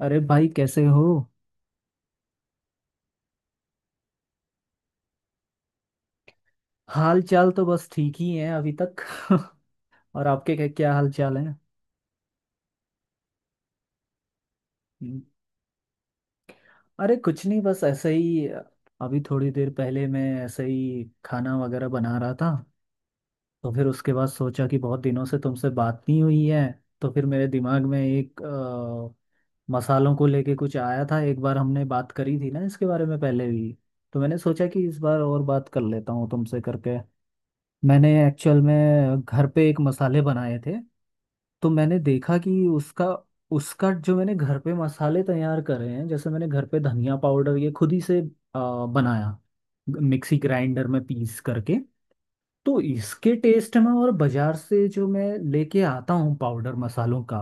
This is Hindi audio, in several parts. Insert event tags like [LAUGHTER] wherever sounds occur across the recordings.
अरे भाई कैसे हो। हाल चाल तो बस ठीक ही है अभी तक। [LAUGHS] और आपके क्या क्या हाल चाल है। हम्म, अरे कुछ नहीं बस ऐसे ही। अभी थोड़ी देर पहले मैं ऐसे ही खाना वगैरह बना रहा था। तो फिर उसके बाद सोचा कि बहुत दिनों से तुमसे बात नहीं हुई है। तो फिर मेरे दिमाग में एक मसालों को लेके कुछ आया था। एक बार हमने बात करी थी ना इसके बारे में पहले भी, तो मैंने सोचा कि इस बार और बात कर लेता हूँ तुमसे करके। मैंने एक्चुअल में घर पे एक मसाले बनाए थे। तो मैंने देखा कि उसका उसका जो मैंने घर पे मसाले तैयार करे हैं, जैसे मैंने घर पे धनिया पाउडर ये खुद ही से बनाया मिक्सी ग्राइंडर में पीस करके। तो इसके टेस्ट में और बाजार से जो मैं लेके आता हूँ पाउडर मसालों का,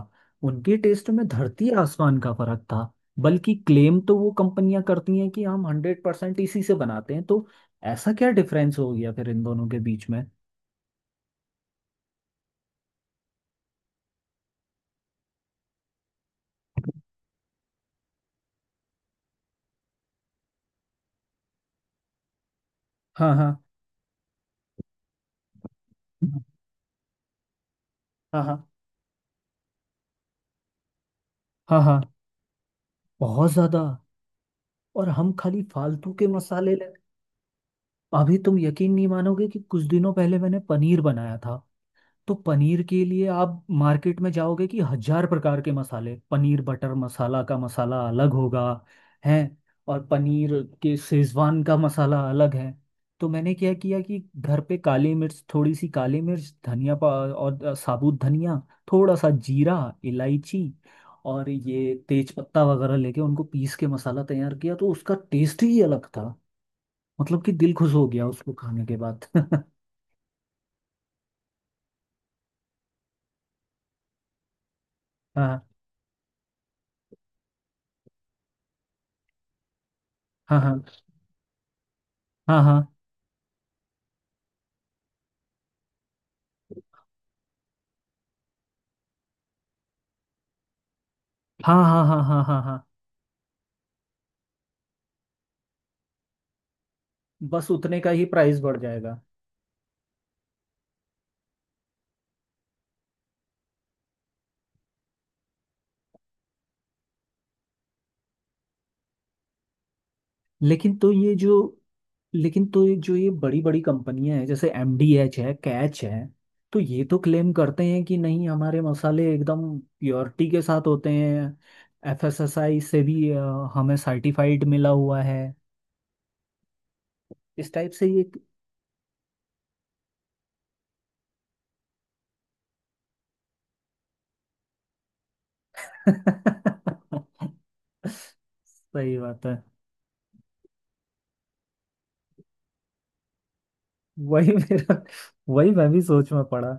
उनके टेस्ट में धरती आसमान का फर्क था। बल्कि क्लेम तो वो कंपनियां करती हैं कि हम 100% इसी से बनाते हैं, तो ऐसा क्या डिफरेंस हो गया फिर इन दोनों के बीच में। हाँ हाँ हाँ हाँ हाँ हाँ। बहुत ज्यादा। और हम खाली फालतू के मसाले ले। अभी तुम यकीन नहीं मानोगे कि कुछ दिनों पहले मैंने पनीर बनाया था। तो पनीर के लिए आप मार्केट में जाओगे कि हजार प्रकार के मसाले, पनीर बटर मसाला का मसाला अलग होगा है। और पनीर के शेजवान का मसाला अलग है। तो मैंने क्या किया कि घर पे काली मिर्च, थोड़ी सी काली मिर्च, धनिया पा और साबुत धनिया, थोड़ा सा जीरा, इलायची और ये तेज पत्ता वगैरह लेके उनको पीस के मसाला तैयार किया, तो उसका टेस्ट ही अलग था। मतलब कि दिल खुश हो गया उसको खाने के बाद। [LAUGHS] हाँ हाँ हाँ हाँ हाँ हाँ हाँ हाँ हाँ हाँ हाँ। बस उतने का ही प्राइस बढ़ जाएगा। लेकिन तो ये जो लेकिन तो ये जो ये बड़ी बड़ी कंपनियां हैं जैसे एमडीएच है, कैच है, तो ये तो क्लेम करते हैं कि नहीं हमारे मसाले एकदम प्योरिटी के साथ होते हैं। एफएसएसआई से भी हमें सर्टिफाइड मिला हुआ है इस टाइप से ये। [LAUGHS] सही बात है। वही मेरा, वही मैं भी सोच में पड़ा।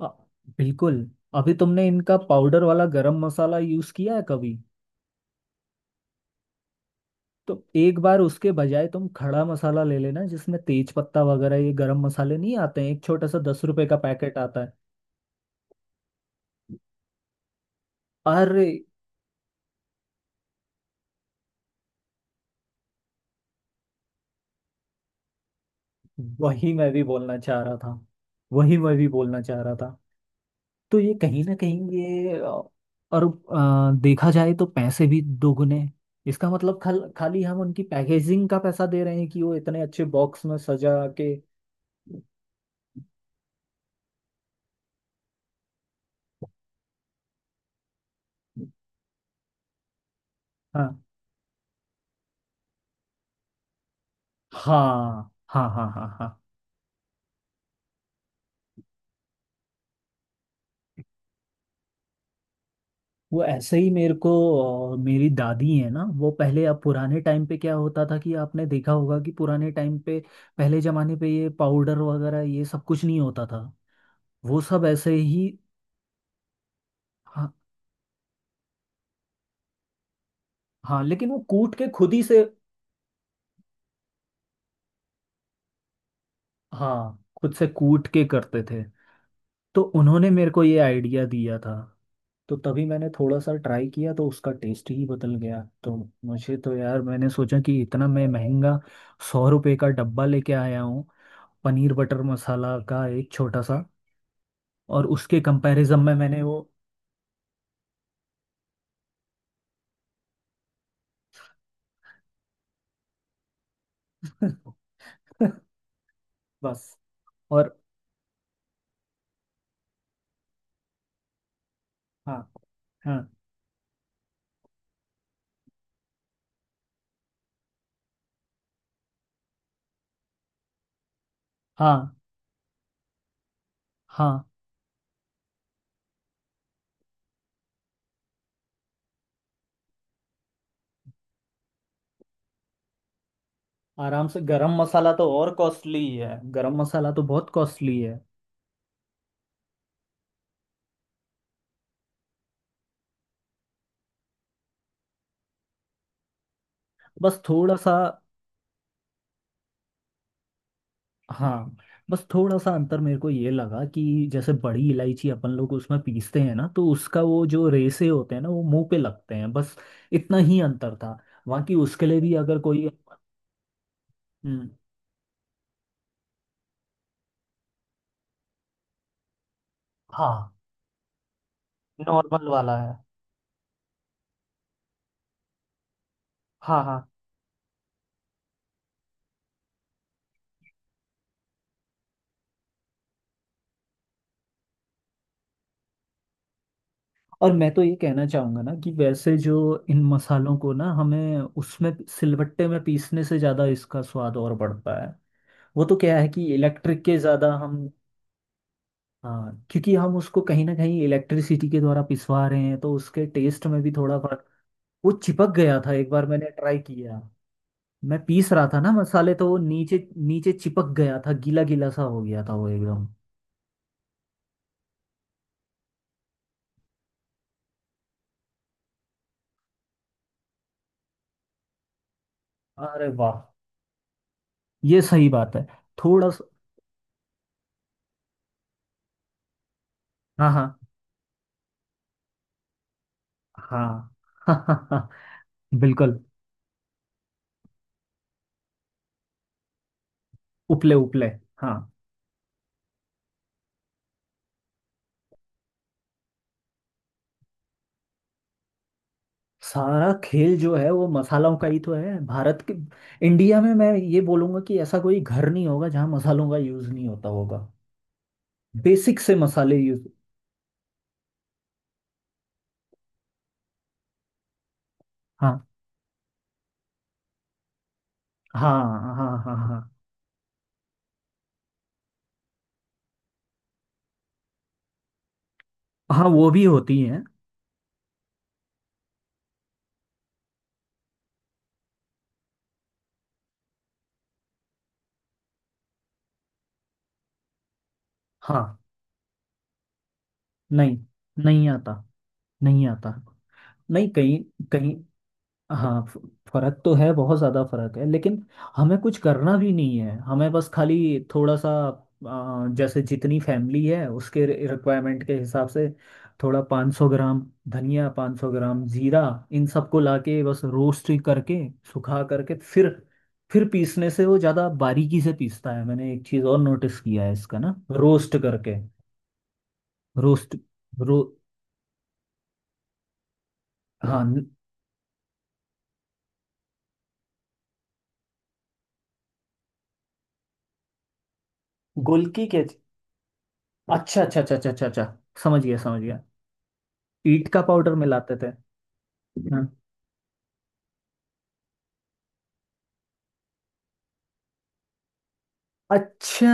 अ, बिल्कुल। अभी तुमने इनका पाउडर वाला गरम मसाला यूज किया है कभी? तो एक बार उसके बजाय तुम खड़ा मसाला ले लेना, जिसमें तेज पत्ता वगैरह ये गरम मसाले नहीं आते हैं, एक छोटा सा 10 रुपए का पैकेट आता है। अरे, वही मैं भी बोलना चाह रहा था वही मैं भी बोलना चाह रहा था। तो ये कहीं ना कहीं ये और देखा जाए तो पैसे भी दोगुने। इसका मतलब खाली हम उनकी पैकेजिंग का पैसा दे रहे हैं कि वो इतने अच्छे बॉक्स में सजा के। हाँ हाँ हाँ हाँ हाँ हाँ। वो ऐसे ही मेरे को, मेरी दादी है ना, वो पहले, अब पुराने टाइम पे क्या होता था कि आपने देखा होगा कि पुराने टाइम पे, पहले जमाने पे ये पाउडर वगैरह ये सब कुछ नहीं होता था। वो सब ऐसे ही। हाँ हाँ, लेकिन वो कूट के खुद ही से। हाँ, खुद से कूट के करते थे। तो उन्होंने मेरे को ये आइडिया दिया था। तो तभी मैंने थोड़ा सा ट्राई किया, तो उसका टेस्ट ही बदल गया। तो मुझे तो यार मैंने सोचा कि इतना मैं महंगा 100 रुपए का डब्बा लेके आया हूँ पनीर बटर मसाला का, एक छोटा सा। और उसके कंपैरिजन में मैंने वो। [LAUGHS] बस। और हाँ हाँ हाँ हाँ। आराम से, गरम मसाला तो और कॉस्टली है, गरम मसाला तो बहुत कॉस्टली है। बस थोड़ा सा। हाँ, बस थोड़ा सा अंतर मेरे को ये लगा कि जैसे बड़ी इलायची अपन लोग उसमें पीसते हैं ना, तो उसका वो जो रेसे होते हैं ना, वो मुंह पे लगते हैं, बस इतना ही अंतर था। बाकी उसके लिए भी अगर कोई। हम्म। हाँ। नॉर्मल वाला है। हाँ हाँ। और मैं तो ये कहना चाहूंगा ना कि वैसे जो इन मसालों को ना हमें उसमें सिलबट्टे में पीसने से ज्यादा इसका स्वाद और बढ़ता है। वो तो क्या है कि इलेक्ट्रिक के ज्यादा हम। हाँ, क्योंकि हम उसको कहीं ना कहीं इलेक्ट्रिसिटी के द्वारा पिसवा रहे हैं तो उसके टेस्ट में भी थोड़ा फर्क। वो चिपक गया था, एक बार मैंने ट्राई किया, मैं पीस रहा था ना मसाले, तो वो नीचे नीचे चिपक गया था, गीला गीला सा हो गया था वो एकदम। अरे वाह। ये सही बात है। थोड़ा सा। हाँ हाँ हाँ। [LAUGHS] बिल्कुल। उपले उपले। हाँ। सारा खेल जो है वो मसालों का ही तो है। भारत के, इंडिया में मैं ये बोलूंगा कि ऐसा कोई घर नहीं होगा जहाँ मसालों का यूज नहीं होता होगा। बेसिक से मसाले यूज। हाँ हाँ हाँ हाँ हाँ हाँ। वो भी होती हैं। हाँ। नहीं। नहीं आता। नहीं आता। नहीं कहीं। कहीं। हाँ फ- फर्क तो है, बहुत ज्यादा फर्क है, लेकिन हमें कुछ करना भी नहीं है, हमें बस खाली थोड़ा सा, जैसे जितनी फैमिली है उसके रिक्वायरमेंट के हिसाब से थोड़ा 500 ग्राम धनिया, 500 ग्राम जीरा, इन सबको लाके बस रोस्ट ही करके सुखा करके फिर पीसने से वो ज्यादा बारीकी से पीसता है। मैंने एक चीज और नोटिस किया है इसका ना, रोस्ट करके रोस्ट रो हाँ न- गोलकी के। अच्छा अच्छा अच्छा अच्छा अच्छा अच्छा, समझ गया समझ गया। ईट का पाउडर मिलाते थे, हाँ। अच्छा।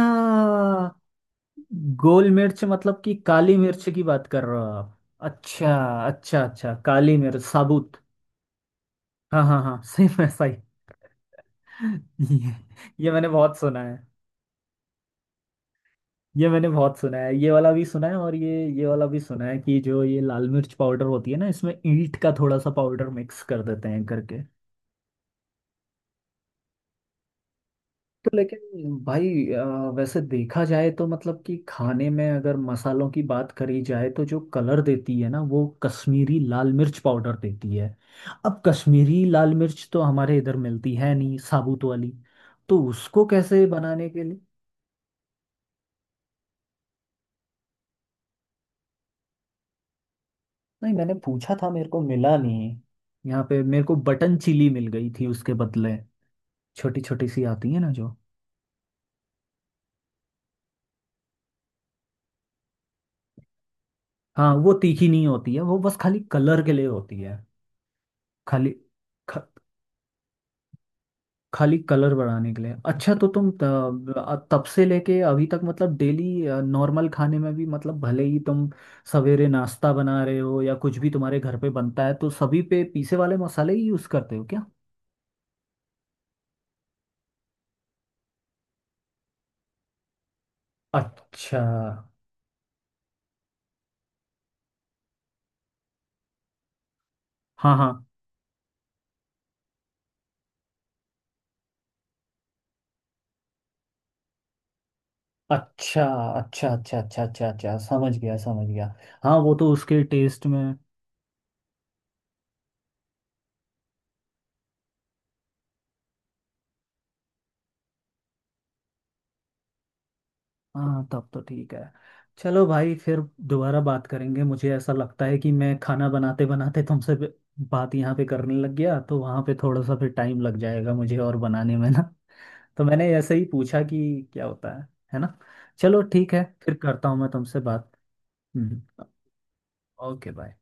गोल मिर्च मतलब कि काली मिर्च की बात कर रहे हो आप? अच्छा अच्छा अच्छा, काली मिर्च साबुत। हाँ हाँ हाँ, सही में सही। ये, ये मैंने बहुत सुना है। ये मैंने बहुत सुना है, ये वाला भी सुना है और ये वाला भी सुना है कि जो ये लाल मिर्च पाउडर होती है ना, इसमें ईंट का थोड़ा सा पाउडर मिक्स कर देते हैं करके। तो लेकिन भाई वैसे देखा जाए तो मतलब कि खाने में अगर मसालों की बात करी जाए तो जो कलर देती है ना वो कश्मीरी लाल मिर्च पाउडर देती है। अब कश्मीरी लाल मिर्च तो हमारे इधर मिलती है नहीं साबुत वाली, तो उसको कैसे बनाने के लिए। नहीं, मैंने पूछा था, मेरे को मिला नहीं। यहाँ पे मेरे को बटन चिली मिल गई थी उसके बदले, छोटी छोटी सी आती है ना जो। हाँ वो तीखी नहीं होती है, वो बस खाली कलर के लिए होती है। खाली ख- खाली कलर बढ़ाने के लिए। अच्छा, तो तुम तब से लेके अभी तक मतलब डेली नॉर्मल खाने में भी मतलब भले ही तुम सवेरे नाश्ता बना रहे हो या कुछ भी तुम्हारे घर पे बनता है तो सभी पे पीसे वाले मसाले ही यूज करते हो क्या? अच्छा। हाँ हाँ। अच्छा अच्छा अच्छा अच्छा अच्छा अच्छा, समझ गया समझ गया। हाँ वो तो उसके टेस्ट में। हाँ तब तो ठीक है। चलो भाई फिर दोबारा बात करेंगे। मुझे ऐसा लगता है कि मैं खाना बनाते बनाते बात यहाँ पे करने लग गया, तो वहाँ पे थोड़ा सा फिर टाइम लग जाएगा मुझे और बनाने में ना। [LAUGHS] तो मैंने ऐसे ही पूछा कि क्या होता है ना। चलो ठीक है, फिर करता हूँ मैं तुमसे बात। हम्म, ओके बाय।